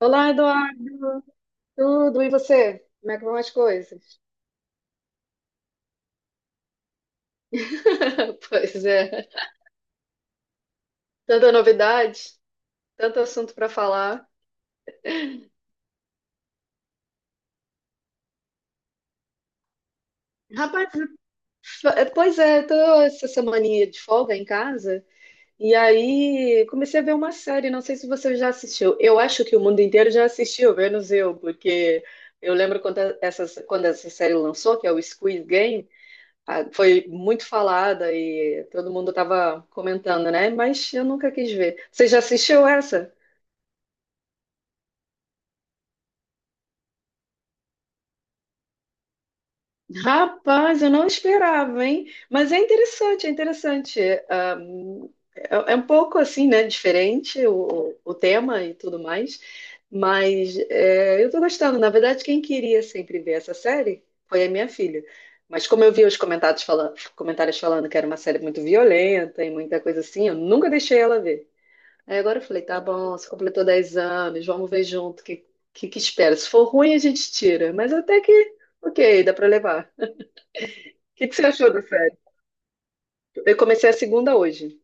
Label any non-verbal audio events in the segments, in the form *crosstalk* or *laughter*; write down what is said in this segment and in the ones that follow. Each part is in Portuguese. Olá, Eduardo, tudo e você? Como é que vão as coisas? *laughs* Pois é, tanta novidade, tanto assunto para falar. Rapaz, é, pois é, tô essa semaninha de folga em casa e aí comecei a ver uma série, não sei se você já assistiu. Eu acho que o mundo inteiro já assistiu, menos eu, porque eu lembro quando essa série lançou, que é o Squid Game, ah, foi muito falada e todo mundo estava comentando, né? Mas eu nunca quis ver. Você já assistiu essa? Rapaz, eu não esperava, hein? Mas é interessante, é interessante. Ahm, é um pouco assim, né? Diferente o tema e tudo mais. Mas é, eu tô gostando. Na verdade, quem queria sempre ver essa série foi a minha filha. Mas como eu vi os comentários falando que era uma série muito violenta e muita coisa assim, eu nunca deixei ela ver. Aí agora eu falei, tá bom, você completou 10 anos, vamos ver junto o que que espera. Se for ruim, a gente tira. Mas até que, ok, dá pra levar que você achou da série? Eu comecei a segunda hoje.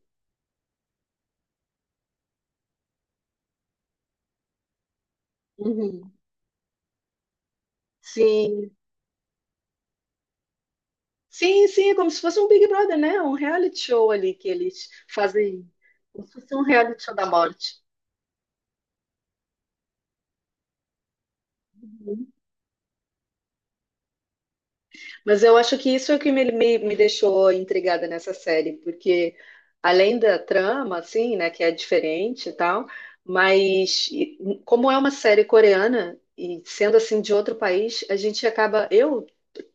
Uhum. Sim, sim, sim, é como se fosse um Big Brother, né? Um reality show ali que eles fazem, como se fosse um reality show da morte. Uhum. Mas eu acho que isso é o que me deixou intrigada nessa série, porque além da trama, assim, né, que é diferente e tal, mas e, como é uma série coreana e sendo assim de outro país, a gente acaba, eu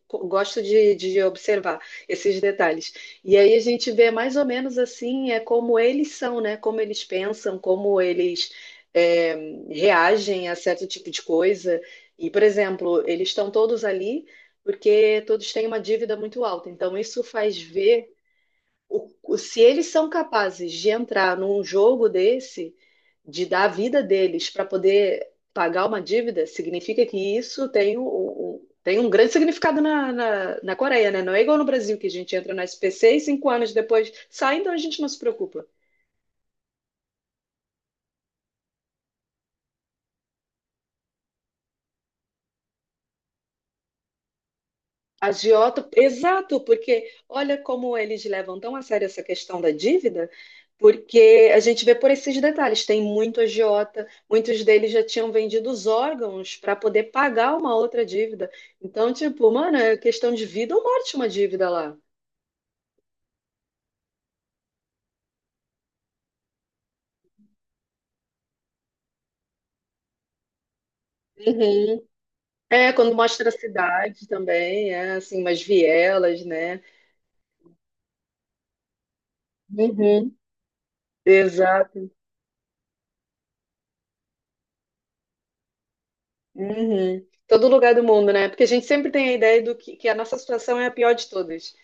gosto de observar esses detalhes. E aí a gente vê mais ou menos assim, é como eles são, né? Como eles pensam, como eles é, reagem a certo tipo de coisa. E, por exemplo, eles estão todos ali porque todos têm uma dívida muito alta. Então, isso faz ver o- se eles são capazes de entrar num jogo desse, de dar a vida deles para poder pagar uma dívida, significa que isso tem um, tem um grande significado na Coreia, né? Não é igual no Brasil, que a gente entra na SPC e 5 anos depois sai, então a gente não se preocupa. Agiota, exato, porque olha como eles levam tão a sério essa questão da dívida, porque a gente vê por esses detalhes, tem muito agiota, muitos deles já tinham vendido os órgãos para poder pagar uma outra dívida. Então, tipo, mano, é questão de vida ou morte uma dívida lá. Uhum. É, quando mostra a cidade também, é assim, umas vielas, né? Uhum. Exato. Uhum. Todo lugar do mundo, né? Porque a gente sempre tem a ideia do que a nossa situação é a pior de todas.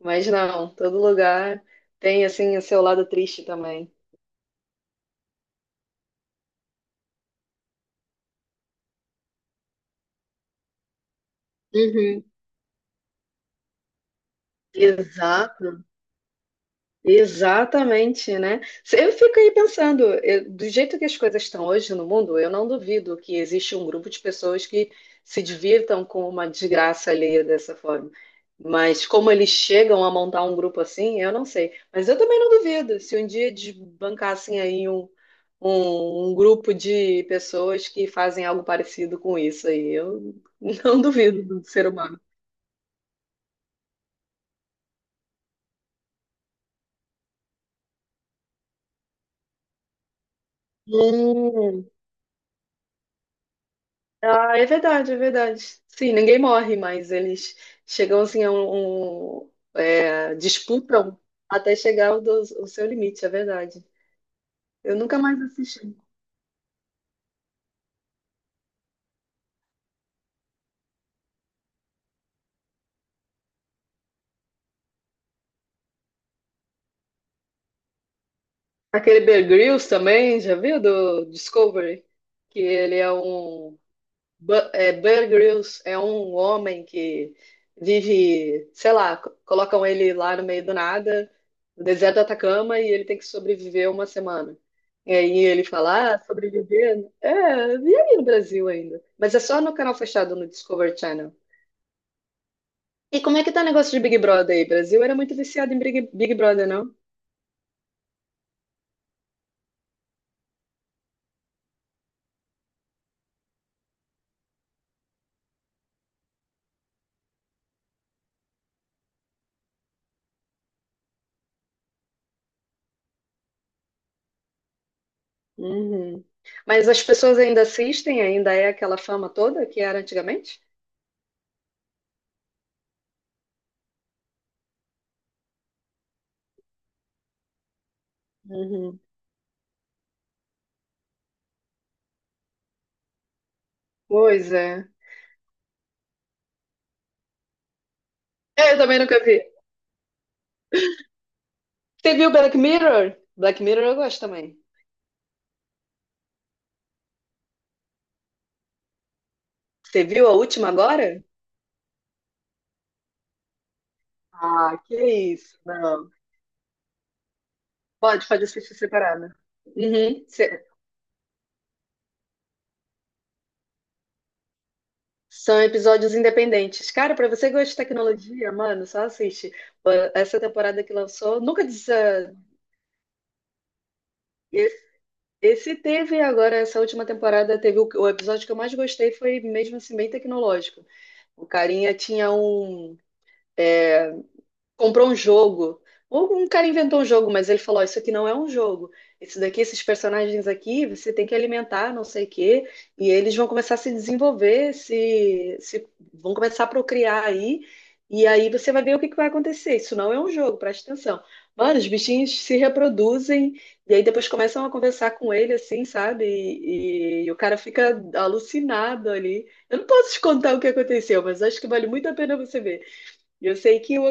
Mas não, todo lugar tem assim o seu lado triste também. Uhum. Exato. Exatamente, né? Se- Eu fico aí pensando, eu- do jeito que as coisas estão hoje no mundo, eu não duvido que existe um grupo de pessoas que se divirtam com uma desgraça alheia dessa forma. Mas como eles chegam a montar um grupo assim, eu não sei. Mas eu também não duvido se um dia desbancassem aí um grupo de pessoas que fazem algo parecido com isso aí. Eu *laughs* não duvido do ser humano. Hum. Ah, é verdade, é verdade. Sim, ninguém morre, mas eles chegam assim a um, é, disputam até chegar ao ao seu limite, é verdade. Eu nunca mais assisti. Aquele Bear Grylls também, já viu do Discovery? Que ele é um Bear Grylls é um homem que vive, sei lá, colocam ele lá no meio do nada, no deserto do Atacama, e ele tem que sobreviver uma semana. E aí ele fala, ah, sobreviver? É, e aí no Brasil ainda? Mas é só no canal fechado, no Discovery Channel. E como é que tá o negócio de Big Brother aí? Brasil era muito viciado em Big Brother, não? Uhum. Mas as pessoas ainda assistem? Ainda é aquela fama toda que era antigamente? Uhum. Pois é. É, eu também nunca vi. Você viu Black Mirror? Black Mirror eu gosto também. Você viu a última agora? Ah, que isso, não. Pode, pode assistir separada. Uhum. São episódios independentes. Cara, pra você que gosta de tecnologia, mano, só assiste. Pô, essa temporada que lançou, nunca diz. Esse, esse teve agora, essa última temporada, teve o episódio que eu mais gostei, foi mesmo assim, bem tecnológico. O carinha tinha um, comprou um jogo. Ou um cara inventou um jogo, mas ele falou: "Ó, isso aqui não é um jogo. Esse daqui, esses personagens aqui, você tem que alimentar, não sei o quê. E eles vão começar a se desenvolver, se vão começar a procriar aí. E aí você vai ver o que que vai acontecer. Isso não é um jogo, presta atenção." Mano, os bichinhos se reproduzem e aí depois começam a conversar com ele, assim, sabe? E o cara fica alucinado ali. Eu não posso te contar o que aconteceu, mas acho que vale muito a pena você ver. E eu sei que o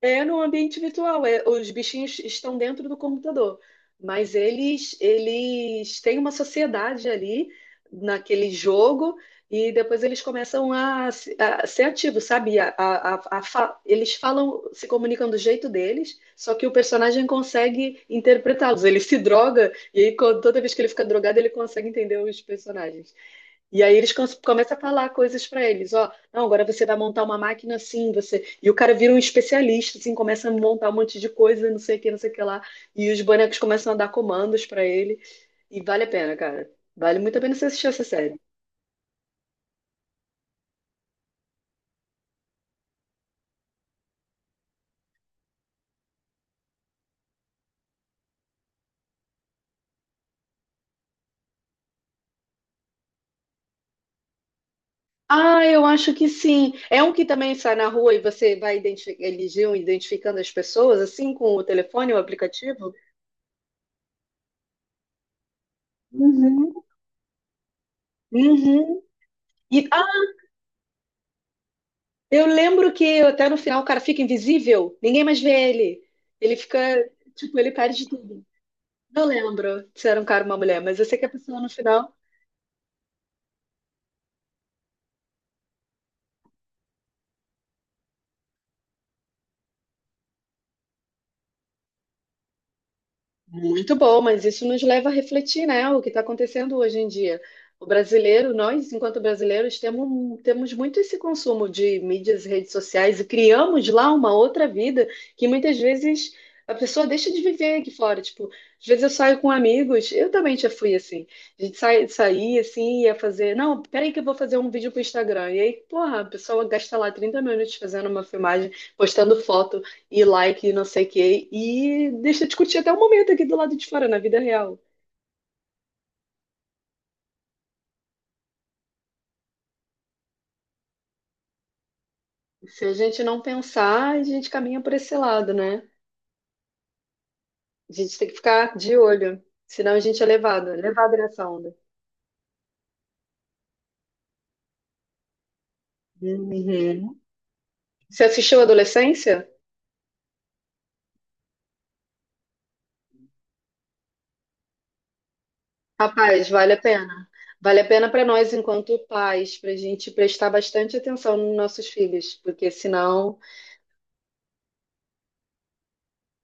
é no ambiente virtual, é, os bichinhos estão dentro do computador, mas eles têm uma sociedade ali naquele jogo e depois eles começam a, a ser ativos, sabe? Eles falam, se comunicam do jeito deles, só que o personagem consegue interpretá-los. Ele se droga e aí, toda vez que ele fica drogado, ele consegue entender os personagens. E aí eles começam a falar coisas para eles: "Ó, não, agora você vai montar uma máquina assim, você..." E o cara vira um especialista, assim, começa a montar um monte de coisa, não sei o que, não sei o que lá. E os bonecos começam a dar comandos para ele. E vale a pena, cara. Vale muito a pena você assistir essa série. Ah, eu acho que sim. É um que também sai na rua e você vai identific... eles iam identificando as pessoas, assim, com o telefone, o aplicativo? Uhum. Uhum. E, eu lembro que até no final o cara fica invisível, ninguém mais vê ele. Ele fica, tipo, ele perde tudo. Não lembro se era um cara ou uma mulher, mas eu sei que a pessoa no final... Muito bom, mas isso nos leva a refletir, né, o que está acontecendo hoje em dia. O brasileiro, nós, enquanto brasileiros, temos muito esse consumo de mídias e redes sociais e criamos lá uma outra vida que muitas vezes a pessoa deixa de viver aqui fora. Tipo, às vezes eu saio com amigos, eu também já fui assim. A gente sai, saía assim, ia fazer, não, peraí que eu vou fazer um vídeo pro Instagram. E aí, porra, a pessoa gasta lá 30 minutos fazendo uma filmagem, postando foto e like, e não sei o quê. E deixa discutir até o momento aqui do lado de fora, na vida real. Se a gente não pensar, a gente caminha por esse lado, né? A gente tem que ficar de olho, senão a gente é levado nessa onda. Uhum. Você assistiu Adolescência? Rapaz, vale a pena. Vale a pena para nós, enquanto pais, para a gente prestar bastante atenção nos nossos filhos, porque senão,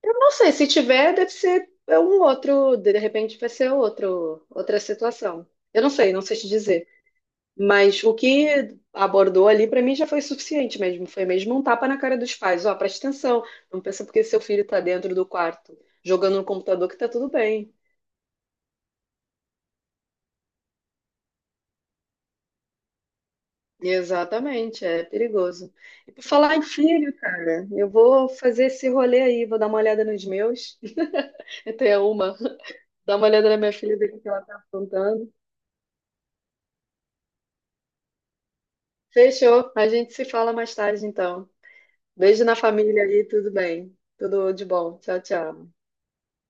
eu não sei, se tiver, deve ser um outro, de repente vai ser outro, outra situação. Eu não sei, não sei te dizer. Mas o que abordou ali para mim já foi suficiente mesmo. Foi mesmo um tapa na cara dos pais. Ó, presta atenção, não pensa porque seu filho está dentro do quarto jogando no computador que tá tudo bem. Exatamente, é perigoso. E por falar em filho, cara, eu vou fazer esse rolê aí, vou dar uma olhada nos meus. *laughs* Até uma, dar uma olhada na minha filha, ver o que ela tá aprontando. Fechou, a gente se fala mais tarde então. Beijo na família aí, tudo bem. Tudo de bom. Tchau, tchau.